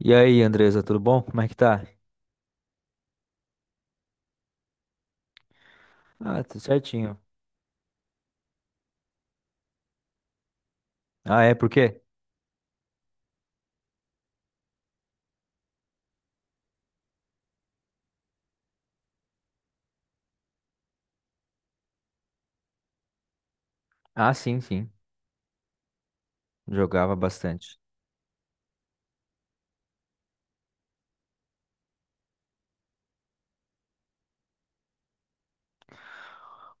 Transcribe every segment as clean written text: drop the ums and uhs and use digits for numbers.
E aí, Andresa, tudo bom? Como é que tá? Ah, tudo certinho. Ah, é, por quê? Ah, sim, sim. Jogava bastante.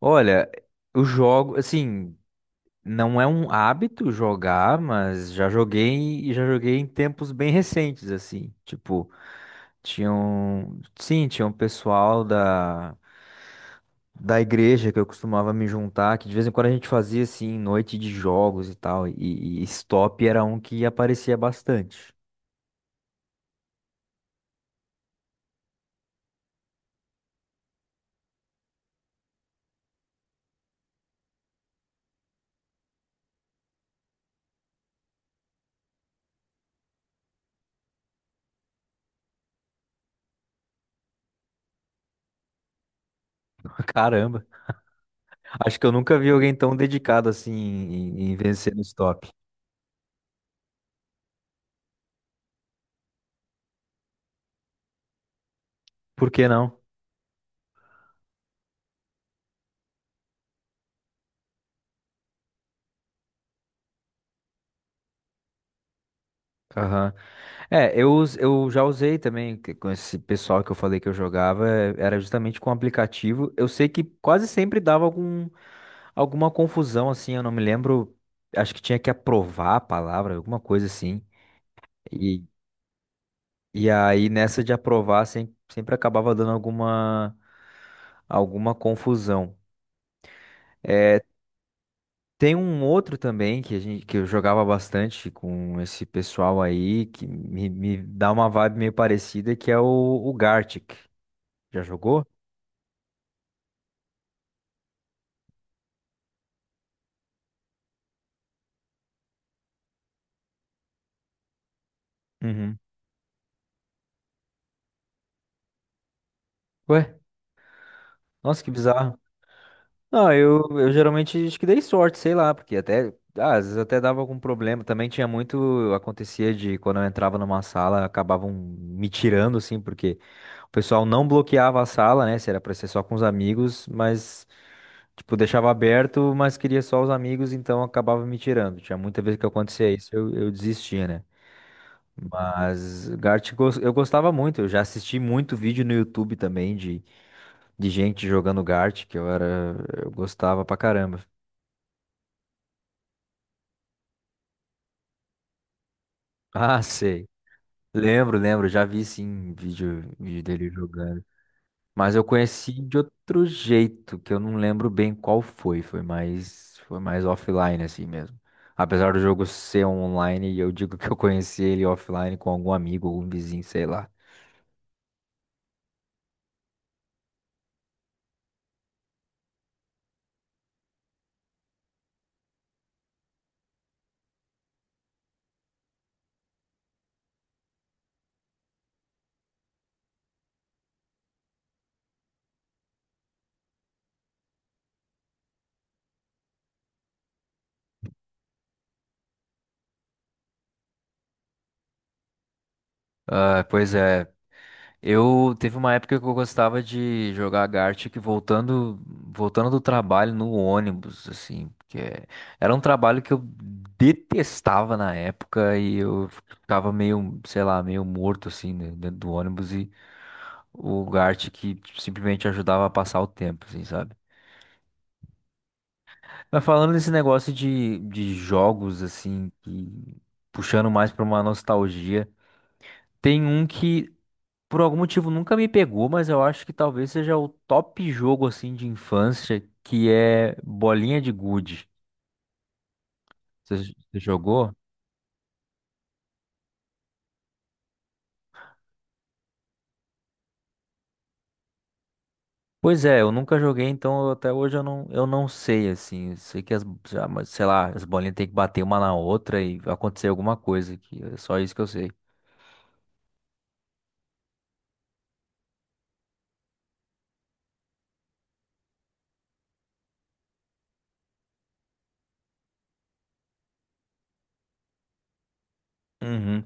Olha, eu jogo, assim, não é um hábito jogar, mas já joguei e já joguei em tempos bem recentes, assim. Tipo, tinha um, sim, tinha um pessoal da igreja que eu costumava me juntar, que de vez em quando a gente fazia assim noite de jogos e tal, e Stop era um que aparecia bastante. Caramba, acho que eu nunca vi alguém tão dedicado assim em, em vencer no stop. Por que não? Aham. É, eu já usei também com esse pessoal que eu falei que eu jogava, é, era justamente com aplicativo. Eu sei que quase sempre dava algum, alguma confusão assim, eu não me lembro. Acho que tinha que aprovar a palavra, alguma coisa assim. E, e aí nessa de aprovar sempre, sempre acabava dando alguma, alguma confusão. É, tem um outro também que a gente que eu jogava bastante com esse pessoal aí que me dá uma vibe meio parecida que é o Gartic. Já jogou? Uhum. Ué, nossa, que bizarro. Não, eu geralmente acho que dei sorte, sei lá, porque até ah, às vezes até dava algum problema. Também tinha muito, acontecia de quando eu entrava numa sala, acabavam me tirando assim, porque o pessoal não bloqueava a sala, né? Se era pra ser só com os amigos, mas tipo, deixava aberto, mas queria só os amigos, então acabava me tirando. Tinha muita vez que acontecia isso, eu desistia, né? Mas eu gostava muito, eu já assisti muito vídeo no YouTube também de gente jogando Gart, que eu era, eu gostava pra caramba. Ah, sei. Lembro, lembro, já vi sim vídeo, vídeo dele jogando. Mas eu conheci de outro jeito, que eu não lembro bem qual foi. Foi mais offline assim mesmo. Apesar do jogo ser online, eu digo que eu conheci ele offline com algum amigo, algum vizinho, sei lá. Ah, pois é. Eu teve uma época que eu gostava de jogar Gartic voltando, voltando do trabalho no ônibus, assim, porque era um trabalho que eu detestava na época e eu ficava meio, sei lá, meio morto assim, né, dentro do ônibus e o Gart que tipo, simplesmente ajudava a passar o tempo, assim, sabe? Mas falando desse negócio de jogos, assim, que puxando mais pra uma nostalgia, tem um que por algum motivo nunca me pegou, mas eu acho que talvez seja o top jogo, assim, de infância, que é Bolinha de Gude. Você jogou? Pois é, eu nunca joguei, até hoje eu não sei, assim. Eu sei que mas, sei lá, as bolinhas têm que bater uma na outra e acontecer alguma coisa, que é só isso que eu sei. Uhum.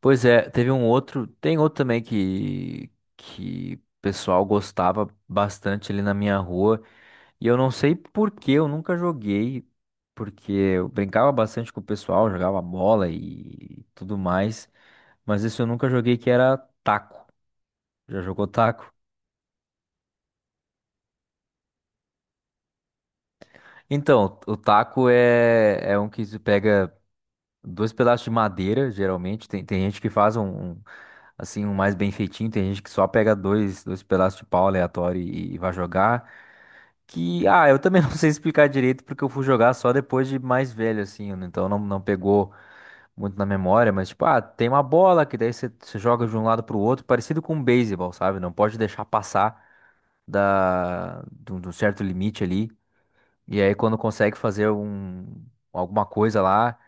Pois é, tem outro também que o pessoal gostava bastante ali na minha rua, e eu não sei por que eu nunca joguei, porque eu brincava bastante com o pessoal, jogava bola e tudo mais, mas isso eu nunca joguei que era taco. Já jogou taco? Então, o taco é um que se pega dois pedaços de madeira, geralmente. Tem, tem gente que faz um, assim, um mais bem feitinho. Tem gente que só pega dois, dois pedaços de pau aleatório e vai jogar. Que, ah, eu também não sei explicar direito porque eu fui jogar só depois de mais velho, assim. Né? Então não, não pegou muito na memória. Mas, tipo, ah, tem uma bola que daí você joga de um lado pro outro, parecido com um beisebol, sabe? Não pode deixar passar de de um certo limite ali. E aí quando consegue fazer um, alguma coisa lá,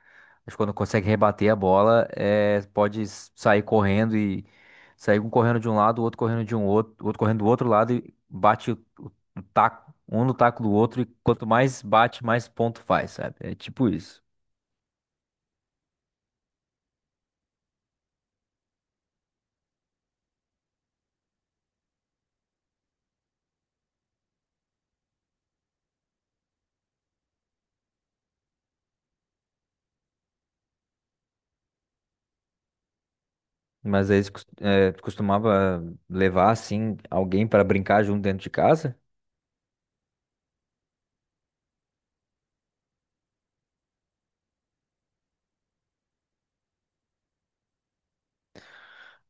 mas quando consegue rebater a bola, é, pode sair correndo e sair um correndo de um lado, o outro correndo de um outro, o outro correndo do outro lado e bate o taco, um no taco do outro, e quanto mais bate, mais ponto faz, sabe? É tipo isso. Mas aí é, costumava levar assim alguém para brincar junto dentro de casa?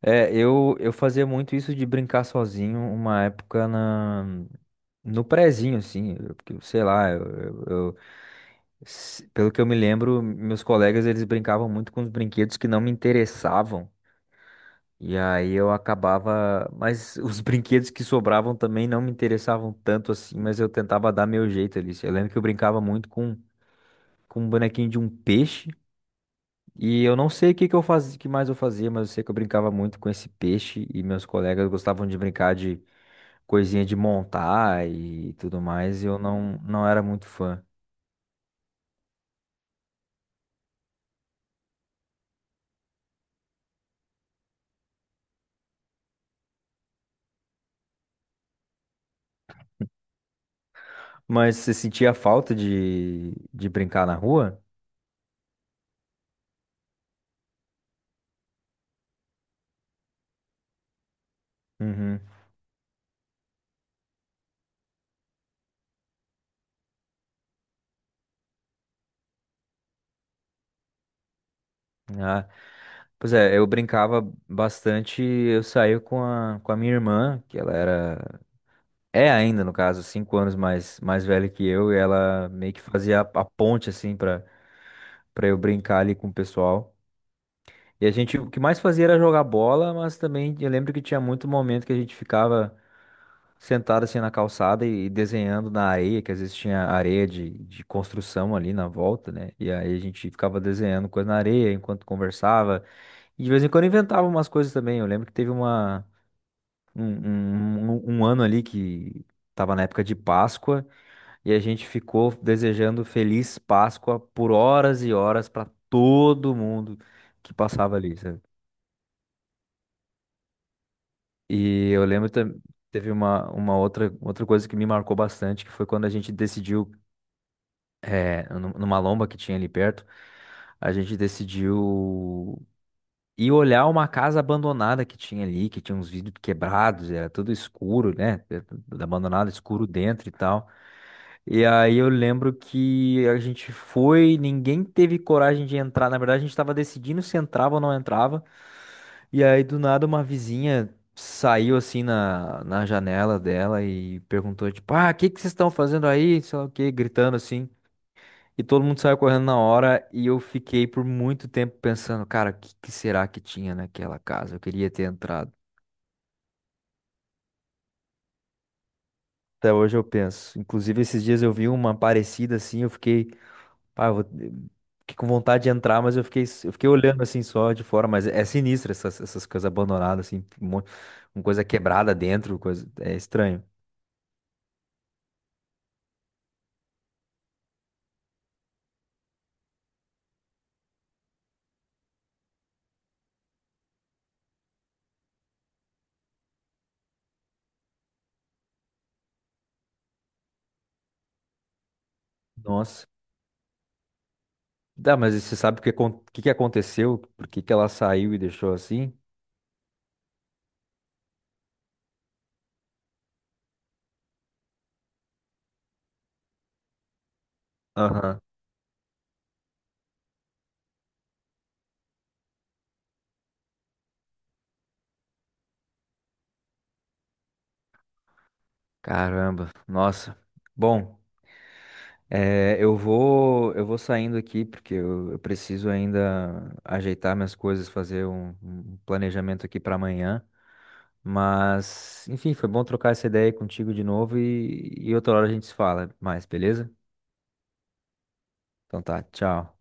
É, eu fazia muito isso de brincar sozinho uma época na. No prezinho, assim, porque, sei lá, pelo que eu me lembro, meus colegas eles brincavam muito com os brinquedos que não me interessavam. E aí eu acabava, mas os brinquedos que sobravam também não me interessavam tanto assim, mas eu tentava dar meu jeito ali. Eu lembro que eu brincava muito com um bonequinho de um peixe, e eu não sei o que que eu fazia, que mais eu fazia, mas eu sei que eu brincava muito com esse peixe e meus colegas gostavam de brincar de coisinha de montar e tudo mais, e eu não, não era muito fã. Mas você sentia falta de brincar na rua? Uhum. Ah, pois é, eu brincava bastante. Eu saía com com a minha irmã, que ela era. É ainda, no caso, 5 anos mais, mais velha que eu, e ela meio que fazia a ponte, assim, pra, pra eu brincar ali com o pessoal. E a gente, o que mais fazia era jogar bola, mas também eu lembro que tinha muito momento que a gente ficava. Sentado assim na calçada e desenhando na areia, que às vezes tinha areia de construção ali na volta, né? E aí a gente ficava desenhando coisa na areia enquanto conversava. E de vez em quando inventava umas coisas também. Eu lembro que teve uma, um, um, um um ano ali que tava na época de Páscoa e a gente ficou desejando Feliz Páscoa por horas e horas para todo mundo que passava ali, sabe? E eu lembro também. Teve uma outra, outra coisa que me marcou bastante, que foi quando a gente decidiu é, numa lomba que tinha ali perto, a gente decidiu ir olhar uma casa abandonada que tinha ali, que tinha uns vidros quebrados, era tudo escuro, né? Era tudo abandonado, escuro dentro e tal. E aí eu lembro que a gente foi, ninguém teve coragem de entrar. Na verdade, a gente estava decidindo se entrava ou não entrava. E aí do nada uma vizinha saiu assim na janela dela e perguntou, tipo, ah, o que que vocês estão fazendo aí? Sei lá o quê, gritando assim. E todo mundo saiu correndo na hora e eu fiquei por muito tempo pensando, cara, o que que será que tinha naquela casa? Eu queria ter entrado. Até hoje eu penso. Inclusive, esses dias eu vi uma parecida assim, eu fiquei, pá, fiquei com vontade de entrar, mas eu fiquei olhando assim só de fora, mas é sinistro essas, essas coisas abandonadas, assim, uma coisa quebrada dentro, coisa, é estranho. Nossa. Dá, mas você sabe o que que aconteceu? Por que que ela saiu e deixou assim? Aham. Caramba, nossa. Bom. É, eu vou saindo aqui porque eu preciso ainda ajeitar minhas coisas, fazer um, um planejamento aqui para amanhã. Mas, enfim, foi bom trocar essa ideia aí contigo de novo e outra hora a gente se fala mais, beleza? Então tá, tchau.